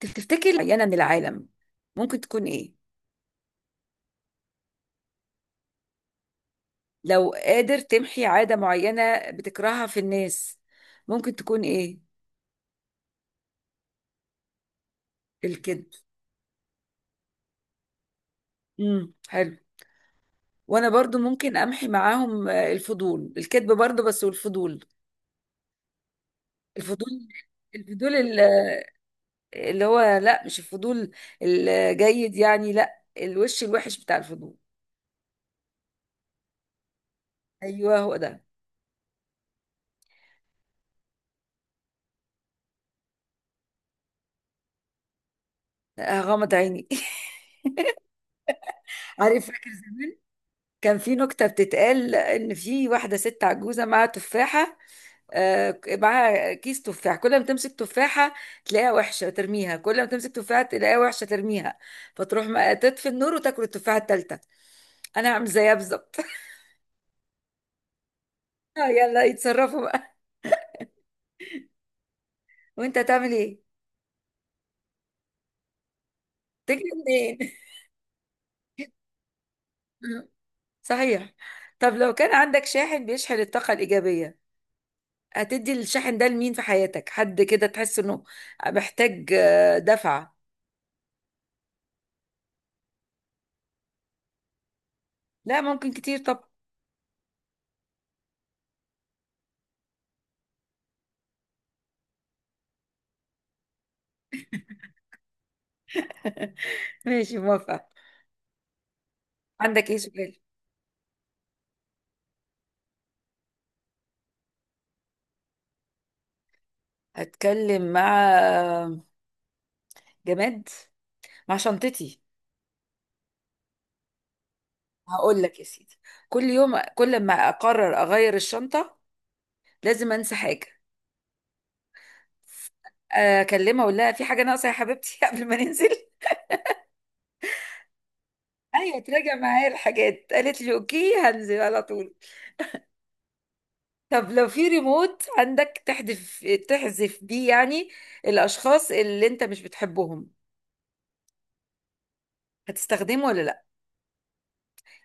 تفتكر معينة من العالم ممكن تكون إيه؟ لو قادر تمحي عادة معينة بتكرهها في الناس ممكن تكون إيه؟ الكذب. حلو. وأنا برضو ممكن أمحي معاهم، الفضول، الكذب برضو، بس والفضول. الفضول الفضول اللي هو لا، مش الفضول الجيد، يعني لا، الوش الوحش بتاع الفضول. أيوه هو ده. غمض عيني عارف، فاكر زمان كان في نكتة بتتقال، إن في واحدة ست عجوزة معاها تفاحة، معاها كيس تفاح، كل ما تمسك تفاحة تلاقيها وحشة ترميها، كل ما تمسك تفاحة تلاقيها وحشة ترميها، فتروح ما تطفي النور وتاكل التفاحة التالتة. أنا هعمل زيها بالظبط يلا يتصرفوا بقى. وأنت هتعمل إيه؟ تجري منين؟ صحيح. طب لو كان عندك شاحن بيشحن الطاقة الإيجابية، هتدي الشاحن ده لمين في حياتك؟ حد كده تحس إنه محتاج دفعة. لا، ممكن كتير. طب ماشي، موافقة. عندك إيه سؤال؟ هتكلم مع جماد، مع شنطتي. هقول لك يا سيدي، كل يوم كل ما اقرر اغير الشنطه لازم انسى حاجه، اكلمها اقول لها في حاجه ناقصه يا حبيبتي قبل ما ننزل. ايوه، تراجع معايا الحاجات، قالت لي اوكي، هنزل على طول. طب لو في ريموت عندك تحذف بيه، يعني الاشخاص اللي انت مش بتحبهم، هتستخدمه ولا لا؟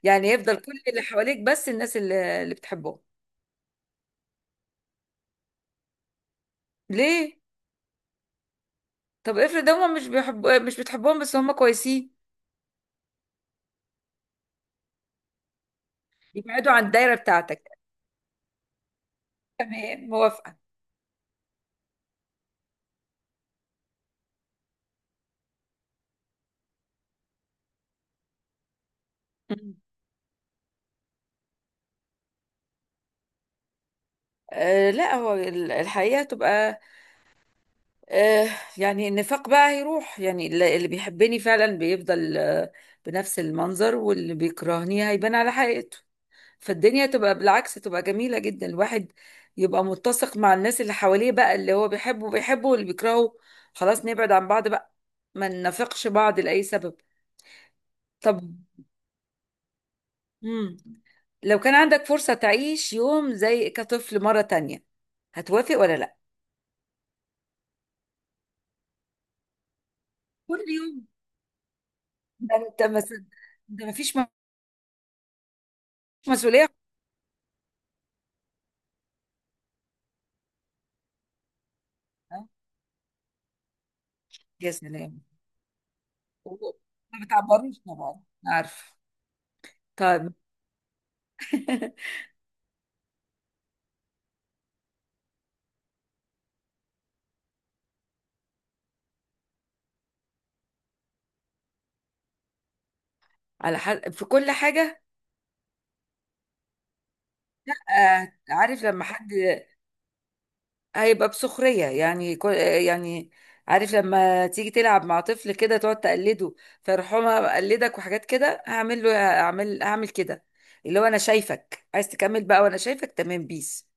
يعني يفضل كل اللي حواليك، بس الناس اللي بتحبهم. ليه؟ طب افرض هم مش بيحبوا، مش بتحبهم بس هم كويسين. يبعدوا عن الدايرة بتاعتك. تمام، موافقة. مم. آه لا، هو الحقيقة تبقى. آه يعني النفاق بقى هيروح، يعني اللي بيحبني فعلا بيفضل بنفس المنظر، واللي بيكرهني هيبان على حقيقته، فالدنيا تبقى بالعكس، تبقى جميلة جدا. الواحد يبقى متسق مع الناس اللي حواليه بقى، اللي هو بيحبه بيحبه، واللي بيكرهه خلاص نبعد عن بعض بقى، ما ننافقش بعض لأي سبب. طب. مم. لو كان عندك فرصة تعيش يوم زي كطفل مرة تانية، هتوافق ولا لا؟ كل يوم؟ ده انت مثلا، ده مفيش مسؤولية. آه، يا سلام. و- ما بتعبروش طبعا، عارف. طيب على حد في كل حاجة؟ عارف لما حد هيبقى بسخرية، يعني يعني عارف لما تيجي تلعب مع طفل كده تقعد تقلده، فيرحمها بقلدك وحاجات كده، هعمل له، هعمل كده، اللي هو انا شايفك عايز تكمل بقى وانا شايفك تمام بيس،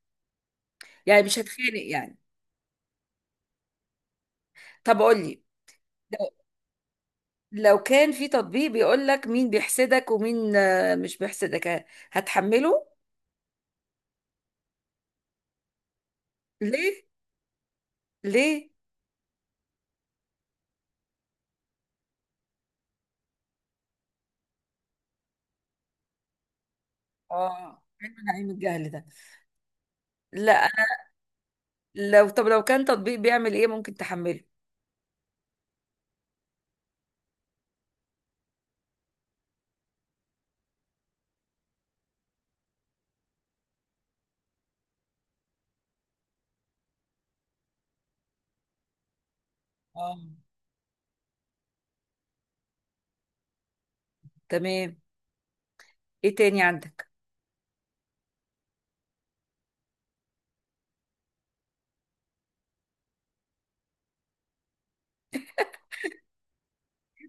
يعني مش هتخانق يعني. طب قول لي، لو لو كان في تطبيق بيقول لك مين بيحسدك ومين مش بيحسدك، هتحمله؟ ليه؟ ليه؟ اه، علم نعيم الجهل ده. لا. طب لو كان تطبيق بيعمل ايه ممكن تحمله. اه، تمام. ايه تاني عندك؟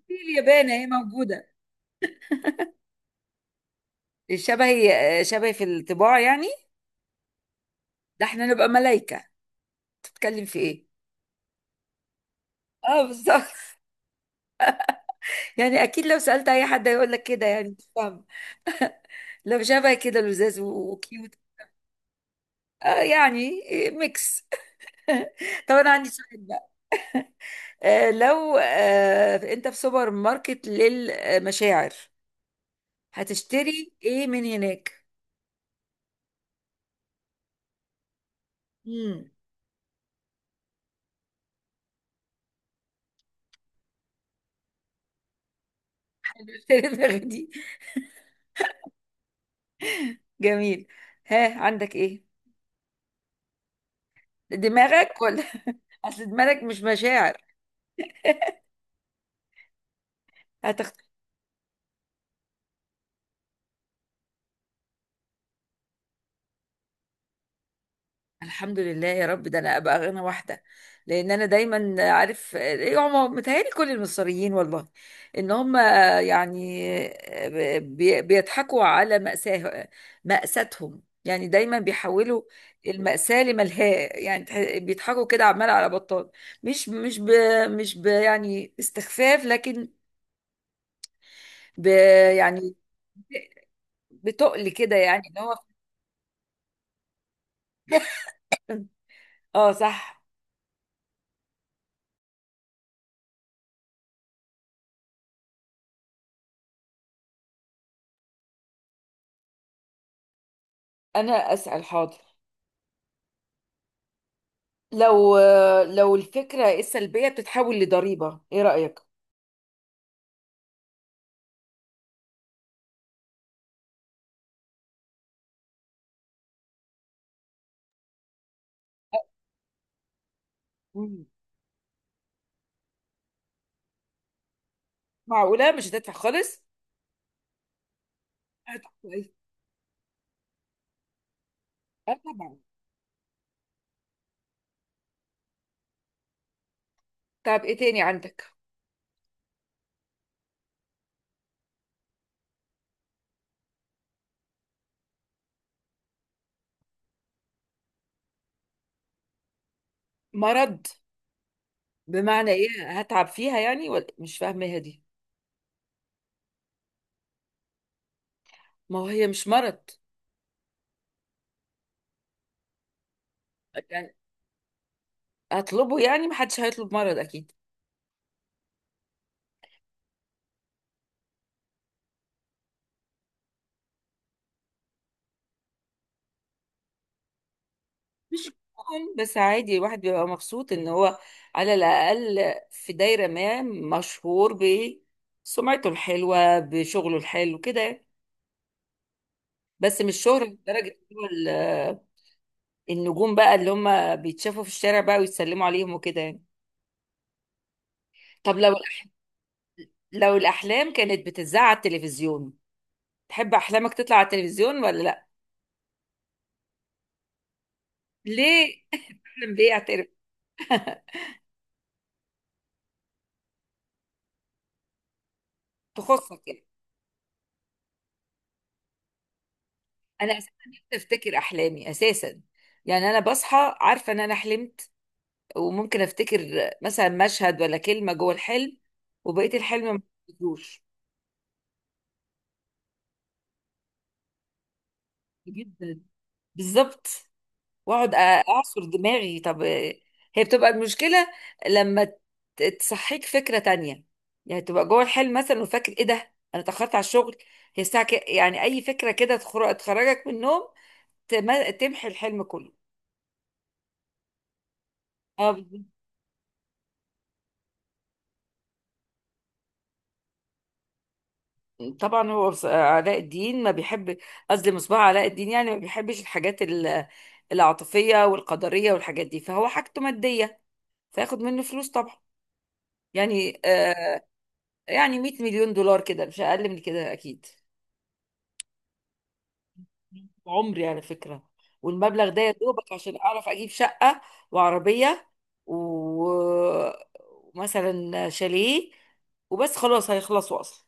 في اليابان اهي موجودة شبهي، شبهي في الطباع يعني. ده احنا نبقى ملايكة، تتكلم في ايه. اه بالظبط يعني اكيد لو سألت اي حد هيقول لك كده، يعني مش فاهم، لو شبه كده لزاز وكيوت. يعني إيه، ميكس. طب انا عندي سؤال بقى. لو انت في سوبر ماركت للمشاعر، هتشتري ايه من هناك؟ امم. المشاعر دي. جميل. ها، عندك ايه؟ دماغك ولا؟ اصل دماغك مش مشاعر. هتخت... الحمد لله يا رب، ده انا ابقى غنى واحده، لان انا دايما عارف إيه هم، متهيألي كل المصريين والله ان هم، يعني بيضحكوا على مأساه، مأساتهم، يعني دايما بيحولوا المأساة لملهاة، يعني بيضحكوا كده عمال على بطال. مش ب، مش ب، يعني استخفاف، لكن ب، يعني بتقل كده يعني ان هو اه صح. انا اسال، حاضر. لو لو الفكره السلبيه بتتحول لضريبه، ايه رايك؟ مم. معقوله مش هتدفع خالص؟ هتبقى كويس. اه طبعا. طب ايه تاني عندك؟ مرض بمعنى ايه؟ هتعب فيها يعني؟ ولا مش فاهمها دي. ما هو هي مش مرض يعني هطلبه، يعني محدش هيطلب مرض اكيد. طبعاً، بس عادي، الواحد بيبقى مبسوط ان هو على الاقل في دايره ما مشهور بسمعته الحلوه، بشغله الحلو كده يعني. بس مش شهرة لدرجة إن هو النجوم بقى اللي هم بيتشافوا في الشارع بقى ويتسلموا عليهم وكده يعني. طب لو الأحلام كانت بتذاع على التلفزيون، تحب أحلامك تطلع على التلفزيون ولا لأ؟ ليه؟ أحلم بإيه، أعترف؟ تخصك يعني. أنا أساسا نفسي أفتكر أحلامي أساسا، يعني أنا بصحى عارفة إن أنا حلمت، وممكن أفتكر مثلا مشهد ولا كلمة جوه الحلم، وبقية الحلم ما بفتكروش. جدا، بالظبط. واقعد اعصر دماغي. طب، هي بتبقى المشكله لما تصحيك فكره تانية، يعني تبقى جوه الحلم مثلا وفاكر ايه ده، انا اتاخرت على الشغل، هي الساعه يعني اي فكره كده تخرجك من النوم، تمحي الحلم كله. آه، طبعا هو علاء الدين ما بيحب، قصدي مصباح علاء الدين يعني ما بيحبش الحاجات العاطفيه والقدريه والحاجات دي، فهو حاجته ماديه، فياخد منه فلوس طبعا. يعني يعني 100 مليون دولار كده، مش اقل من كده اكيد. عمري على فكرة، والمبلغ ده يا دوبك عشان أعرف أجيب شقة وعربية و- ومثلا شاليه، وبس خلاص هيخلصوا أصلا.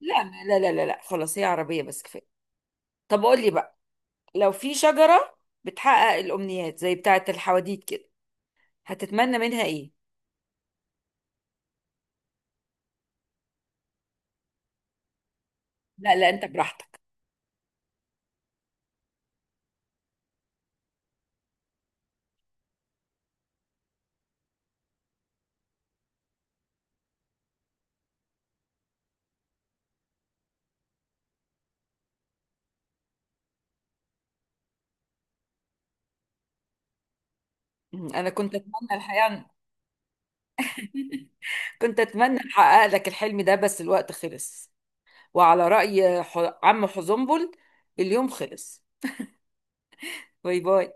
لا لا لا لا لا، خلاص هي عربية بس كفاية. طب قول لي بقى، لو في شجرة بتحقق الأمنيات زي بتاعة الحواديت كده، هتتمنى منها إيه؟ لا لا، أنت براحتك. مم، أنا كنت أتمنى الحقيقة كنت أتمنى أحقق لك الحلم ده بس الوقت خلص، وعلى رأي عم حزنبل، اليوم خلص. باي باي.